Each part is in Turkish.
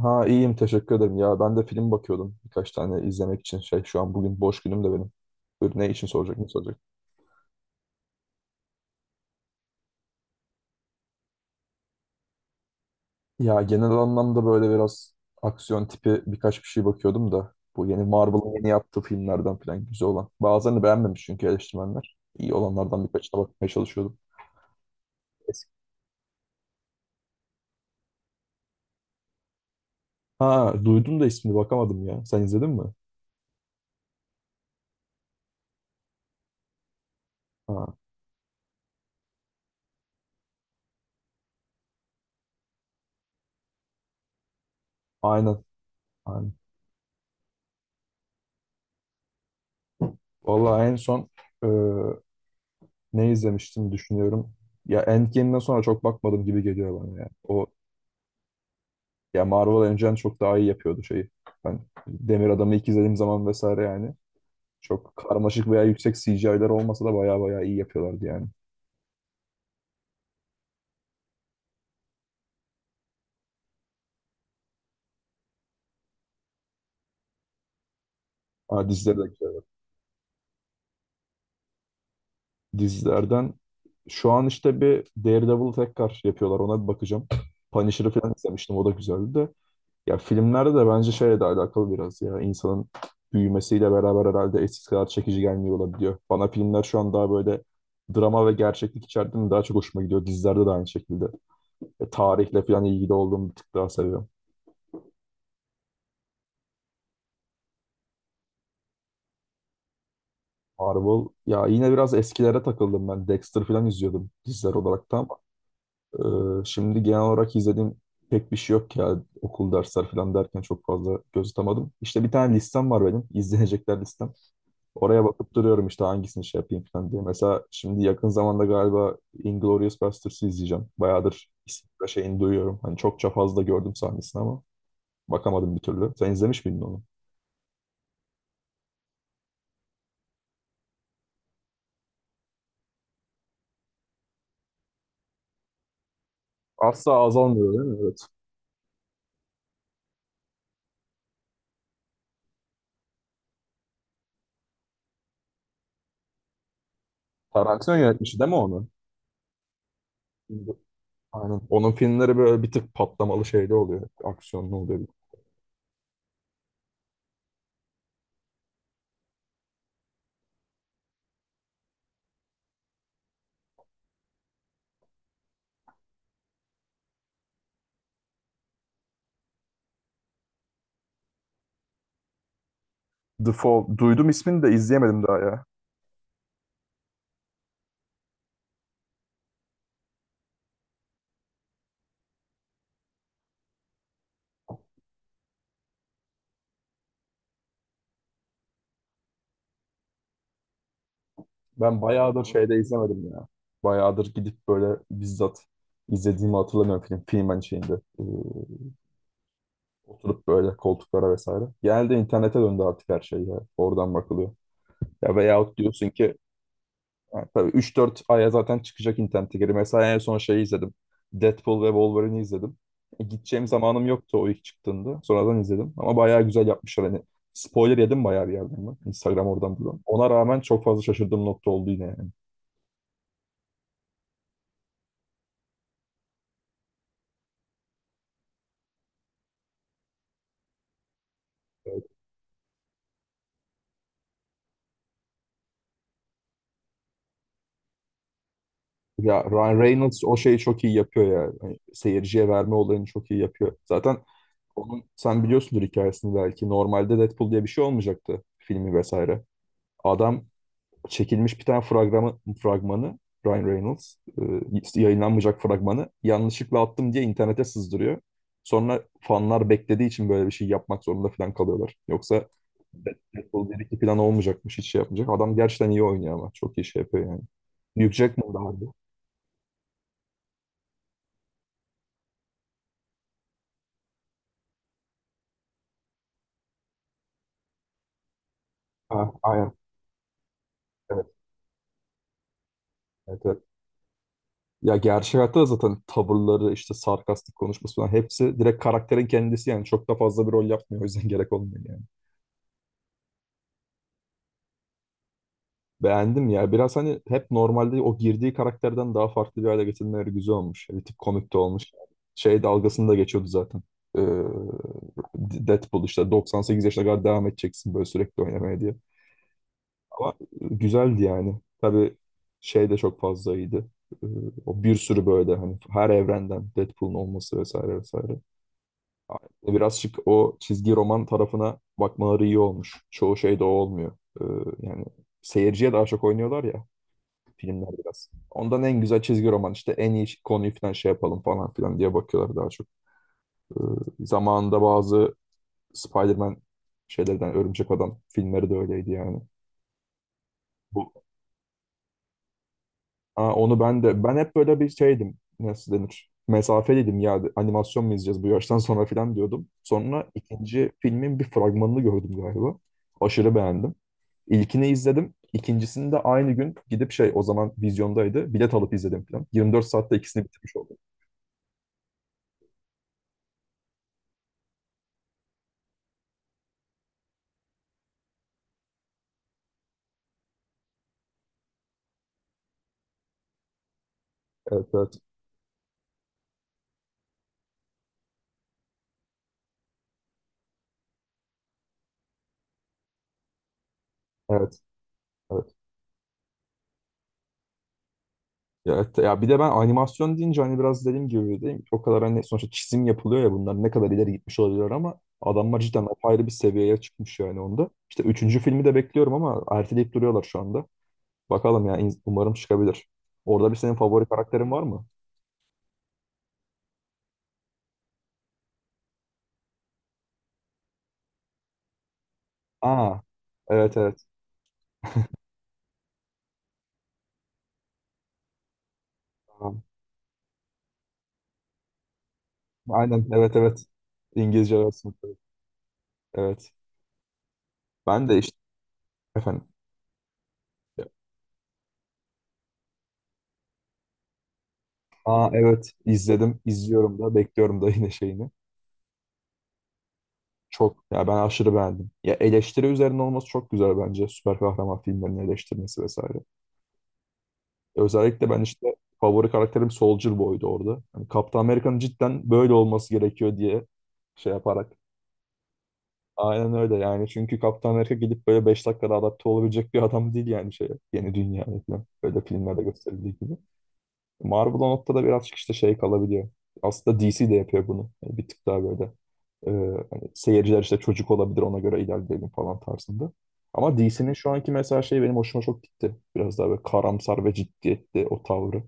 Ha, iyiyim teşekkür ederim. Ya ben de film bakıyordum birkaç tane izlemek için. Şey şu an bugün boş günüm de benim. Buyur, ne için soracak ne soracak? Ya genel anlamda böyle biraz aksiyon tipi birkaç bir şey bakıyordum da. Bu yeni Marvel'ın yeni yaptığı filmlerden falan güzel olan. Bazılarını beğenmemiş çünkü eleştirmenler. İyi olanlardan birkaçına bakmaya çalışıyordum. Eski. Ha, duydum da ismini bakamadım ya. Sen izledin mi? Ha, aynen. Aynen. Vallahi en son e, ne izlemiştim düşünüyorum. Ya Endgame'den sonra çok bakmadım gibi geliyor bana ya. Ya Marvel önceden çok daha iyi yapıyordu şeyi. Ben Demir Adam'ı ilk izlediğim zaman vesaire yani. Çok karmaşık veya yüksek CGI'ler olmasa da baya baya iyi yapıyorlardı yani. Aa, dizileri de güzel. Dizilerden şu an işte bir Daredevil'ı tekrar yapıyorlar. Ona bir bakacağım. Punisher'ı falan izlemiştim. O da güzeldi de. Ya filmlerde de bence şeyle de alakalı biraz ya insanın büyümesiyle beraber herhalde eskisi kadar çekici gelmiyor olabiliyor. Bana filmler şu an daha böyle drama ve gerçeklik içerdiğinde daha çok hoşuma gidiyor. Dizilerde de aynı şekilde. Tarihle falan ilgili olduğum bir tık daha seviyorum. Marvel ya yine biraz eskilere takıldım ben. Dexter falan izliyordum diziler olarak da ama şimdi genel olarak izlediğim pek bir şey yok ya okul dersler falan derken çok fazla göz atamadım. İşte bir tane listem var benim, İzlenecekler listem. Oraya bakıp duruyorum işte hangisini şey yapayım falan diye. Mesela şimdi yakın zamanda galiba Inglourious Basterds'ı izleyeceğim. Bayağıdır ismini ve şeyini duyuyorum. Hani çokça fazla gördüm sahnesini ama bakamadım bir türlü. Sen izlemiş miydin onu? Asla azalmıyor değil mi? Evet. Tarantino yönetmişti değil mi onu? Aynen. Onun filmleri böyle bir tık patlamalı şeyde oluyor. Aksiyonlu oluyor. The Fall. Duydum ismini de izleyemedim daha ya. Ben bayağıdır şeyde izlemedim ya. Bayağıdır gidip böyle bizzat izlediğimi hatırlamıyorum film. Filmen şeyinde. Ee, Oturup böyle koltuklara vesaire. Genelde internete döndü artık her şey ya. Oradan bakılıyor. Ya veyahut diyorsun ki ha, tabii 3-4 aya zaten çıkacak internete geri. Mesela en son şeyi izledim. Deadpool ve Wolverine'i izledim. Gideceğim zamanım yoktu o ilk çıktığında. Sonradan izledim. Ama bayağı güzel yapmışlar. Hani spoiler yedim bayağı bir yerden ben. Instagram oradan buradan. Ona rağmen çok fazla şaşırdığım nokta oldu yine yani. Ya Ryan Reynolds o şeyi çok iyi yapıyor ya. Hani seyirciye verme olayını çok iyi yapıyor. Zaten onun sen biliyorsundur hikayesini belki. Normalde Deadpool diye bir şey olmayacaktı filmi vesaire. Adam çekilmiş bir tane fragmanı Ryan Reynolds yayınlanmayacak fragmanı yanlışlıkla attım diye internete sızdırıyor. Sonra fanlar beklediği için böyle bir şey yapmak zorunda falan kalıyorlar. Yoksa Deadpool 1-2 plan olmayacakmış hiç şey yapmayacak. Adam gerçekten iyi oynuyor ama çok iyi şey yapıyor yani. Hugh Jackman da vardı. Ha, evet, evet, evet. Ya gerçek hayatta da zaten tavırları, işte sarkastik konuşması falan hepsi direkt karakterin kendisi yani çok da fazla bir rol yapmıyor. O yüzden gerek olmuyor yani. Beğendim ya. Biraz hani hep normalde o girdiği karakterden daha farklı bir hale getirmeleri güzel olmuş. Bir tip komik de olmuş. Şey dalgasını da geçiyordu zaten. Ee, Deadpool işte 98 yaşına kadar devam edeceksin böyle sürekli oynamaya diye. Ama güzeldi yani. Tabii şey de çok fazla iyiydi. Ee, O bir sürü böyle hani her evrenden Deadpool'un olması vesaire vesaire. Biraz şık o çizgi roman tarafına bakmaları iyi olmuş. Çoğu şey de o olmuyor. Yani seyirciye daha çok oynuyorlar ya filmler biraz. Ondan en güzel çizgi roman işte en iyi konuyu falan şey yapalım falan filan diye bakıyorlar daha çok. Zamanında bazı Spider-Man şeylerden Örümcek Adam filmleri de öyleydi yani. Bu Aa, onu ben de ben hep böyle bir şeydim nasıl denir mesafeliydim ya animasyon mu izleyeceğiz bu yaştan sonra falan diyordum. Sonra ikinci filmin bir fragmanını gördüm galiba. Aşırı beğendim. İlkini izledim. İkincisini de aynı gün gidip şey o zaman vizyondaydı. Bilet alıp izledim falan. 24 saatte ikisini bitirmiş oldum. Evet, evet. Evet. Evet. Ya, evet, ya bir de ben animasyon deyince hani biraz dediğim gibi değil mi? O kadar hani sonuçta çizim yapılıyor ya bunlar ne kadar ileri gitmiş olabilir ama adamlar cidden apayrı bir seviyeye çıkmış yani onda. İşte üçüncü filmi de bekliyorum ama erteleyip duruyorlar şu anda. Bakalım ya umarım çıkabilir. Orada bir senin favori karakterin var mı? Aa, evet, evet. Tamam. Aynen, evet, evet. İngilizce versiyonu. Evet. Evet. Ben de işte efendim. Aa, evet, izledim. İzliyorum da bekliyorum da yine şeyini. Çok ya ben aşırı beğendim. Ya eleştiri üzerine olması çok güzel bence. Süper kahraman filmlerinin eleştirmesi vesaire. Özellikle ben işte favori karakterim Soldier Boy'du orada. Yani Kaptan Amerika'nın cidden böyle olması gerekiyor diye şey yaparak. Aynen öyle yani. Çünkü Kaptan Amerika gidip böyle 5 dakikada adapte olabilecek bir adam değil yani şeye. Yeni dünyaya falan. Böyle filmlerde gösterildiği gibi. Marvel o noktada birazcık işte şey kalabiliyor. Aslında DC de yapıyor bunu. Yani bir tık daha böyle e, hani seyirciler işte çocuk olabilir ona göre ilerleyelim falan tarzında. Ama DC'nin şu anki mesela şey benim hoşuma çok gitti. Biraz daha böyle karamsar ve ciddiyetli o tavrı.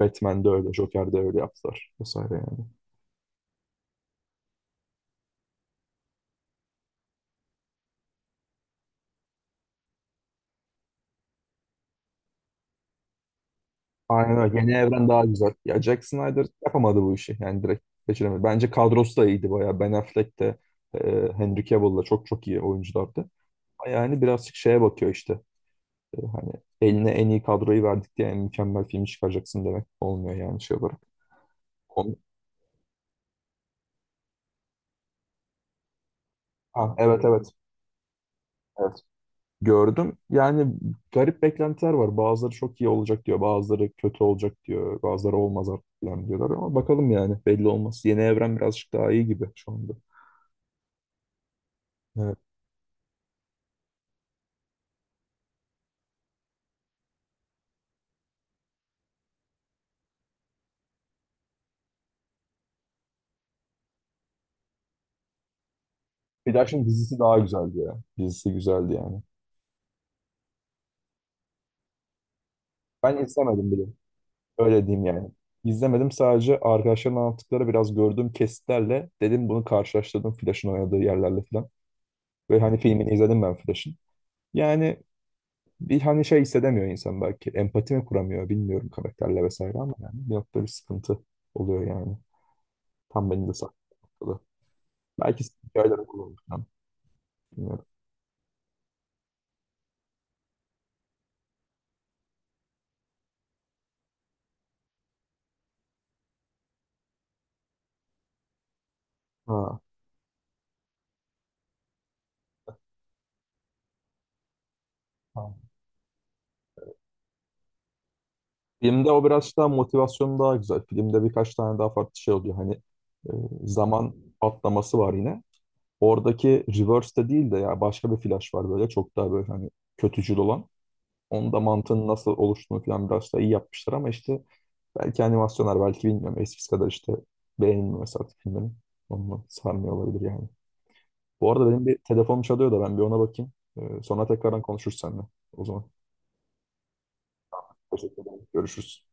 Batman'de öyle, Joker'de öyle yaptılar vesaire yani. Aynen öyle. Yeni evren daha güzel. Ya Jack Snyder yapamadı bu işi. Yani direkt geçiremedi. Bence kadrosu da iyiydi bayağı. Ben Affleck de Henry Cavill da çok çok iyi oyunculardı. Yani birazcık şeye bakıyor işte. Hani eline en iyi kadroyu verdik diye en mükemmel filmi çıkaracaksın demek olmuyor yani şey olarak. Onu- Ha, evet, evet. Evet. Gördüm. Yani garip beklentiler var. Bazıları çok iyi olacak diyor. Bazıları kötü olacak diyor. Bazıları olmaz artık falan diyorlar ama bakalım yani belli olmaz. Yeni evren birazcık daha iyi gibi şu anda. Evet. Flash'ın dizisi daha güzeldi ya. Dizisi güzeldi yani. Ben izlemedim bile. Öyle diyeyim yani. İzlemedim, sadece arkadaşların anlattıkları biraz gördüğüm kesitlerle dedim bunu karşılaştırdım Flash'ın oynadığı yerlerle falan. Ve hani filmini izledim ben Flash'ın. Yani bir hani şey hissedemiyor insan belki. Empati mi kuramıyor bilmiyorum karakterle vesaire ama yani bir noktada bir sıkıntı oluyor yani. Tam benim de saklı. Belki hikayeleri kullanırım. Bilmiyorum. Ha. Ha. Filmde o biraz daha motivasyon daha güzel. Filmde birkaç tane daha farklı şey oluyor. Hani e, zaman atlaması var yine. Oradaki reverse de değil de ya başka bir flash var böyle çok daha böyle hani kötücül olan. Onun da mantığının nasıl oluştuğunu falan biraz daha iyi yapmışlar ama işte belki animasyonlar belki bilmiyorum eskisi kadar işte beğenilmiyor mesela artık filmlerin. Onunla sarmıyor olabilir yani. Bu arada benim bir telefonum çalıyor da ben bir ona bakayım. Sonra tekrardan konuşuruz seninle. O zaman teşekkür ederim. Görüşürüz.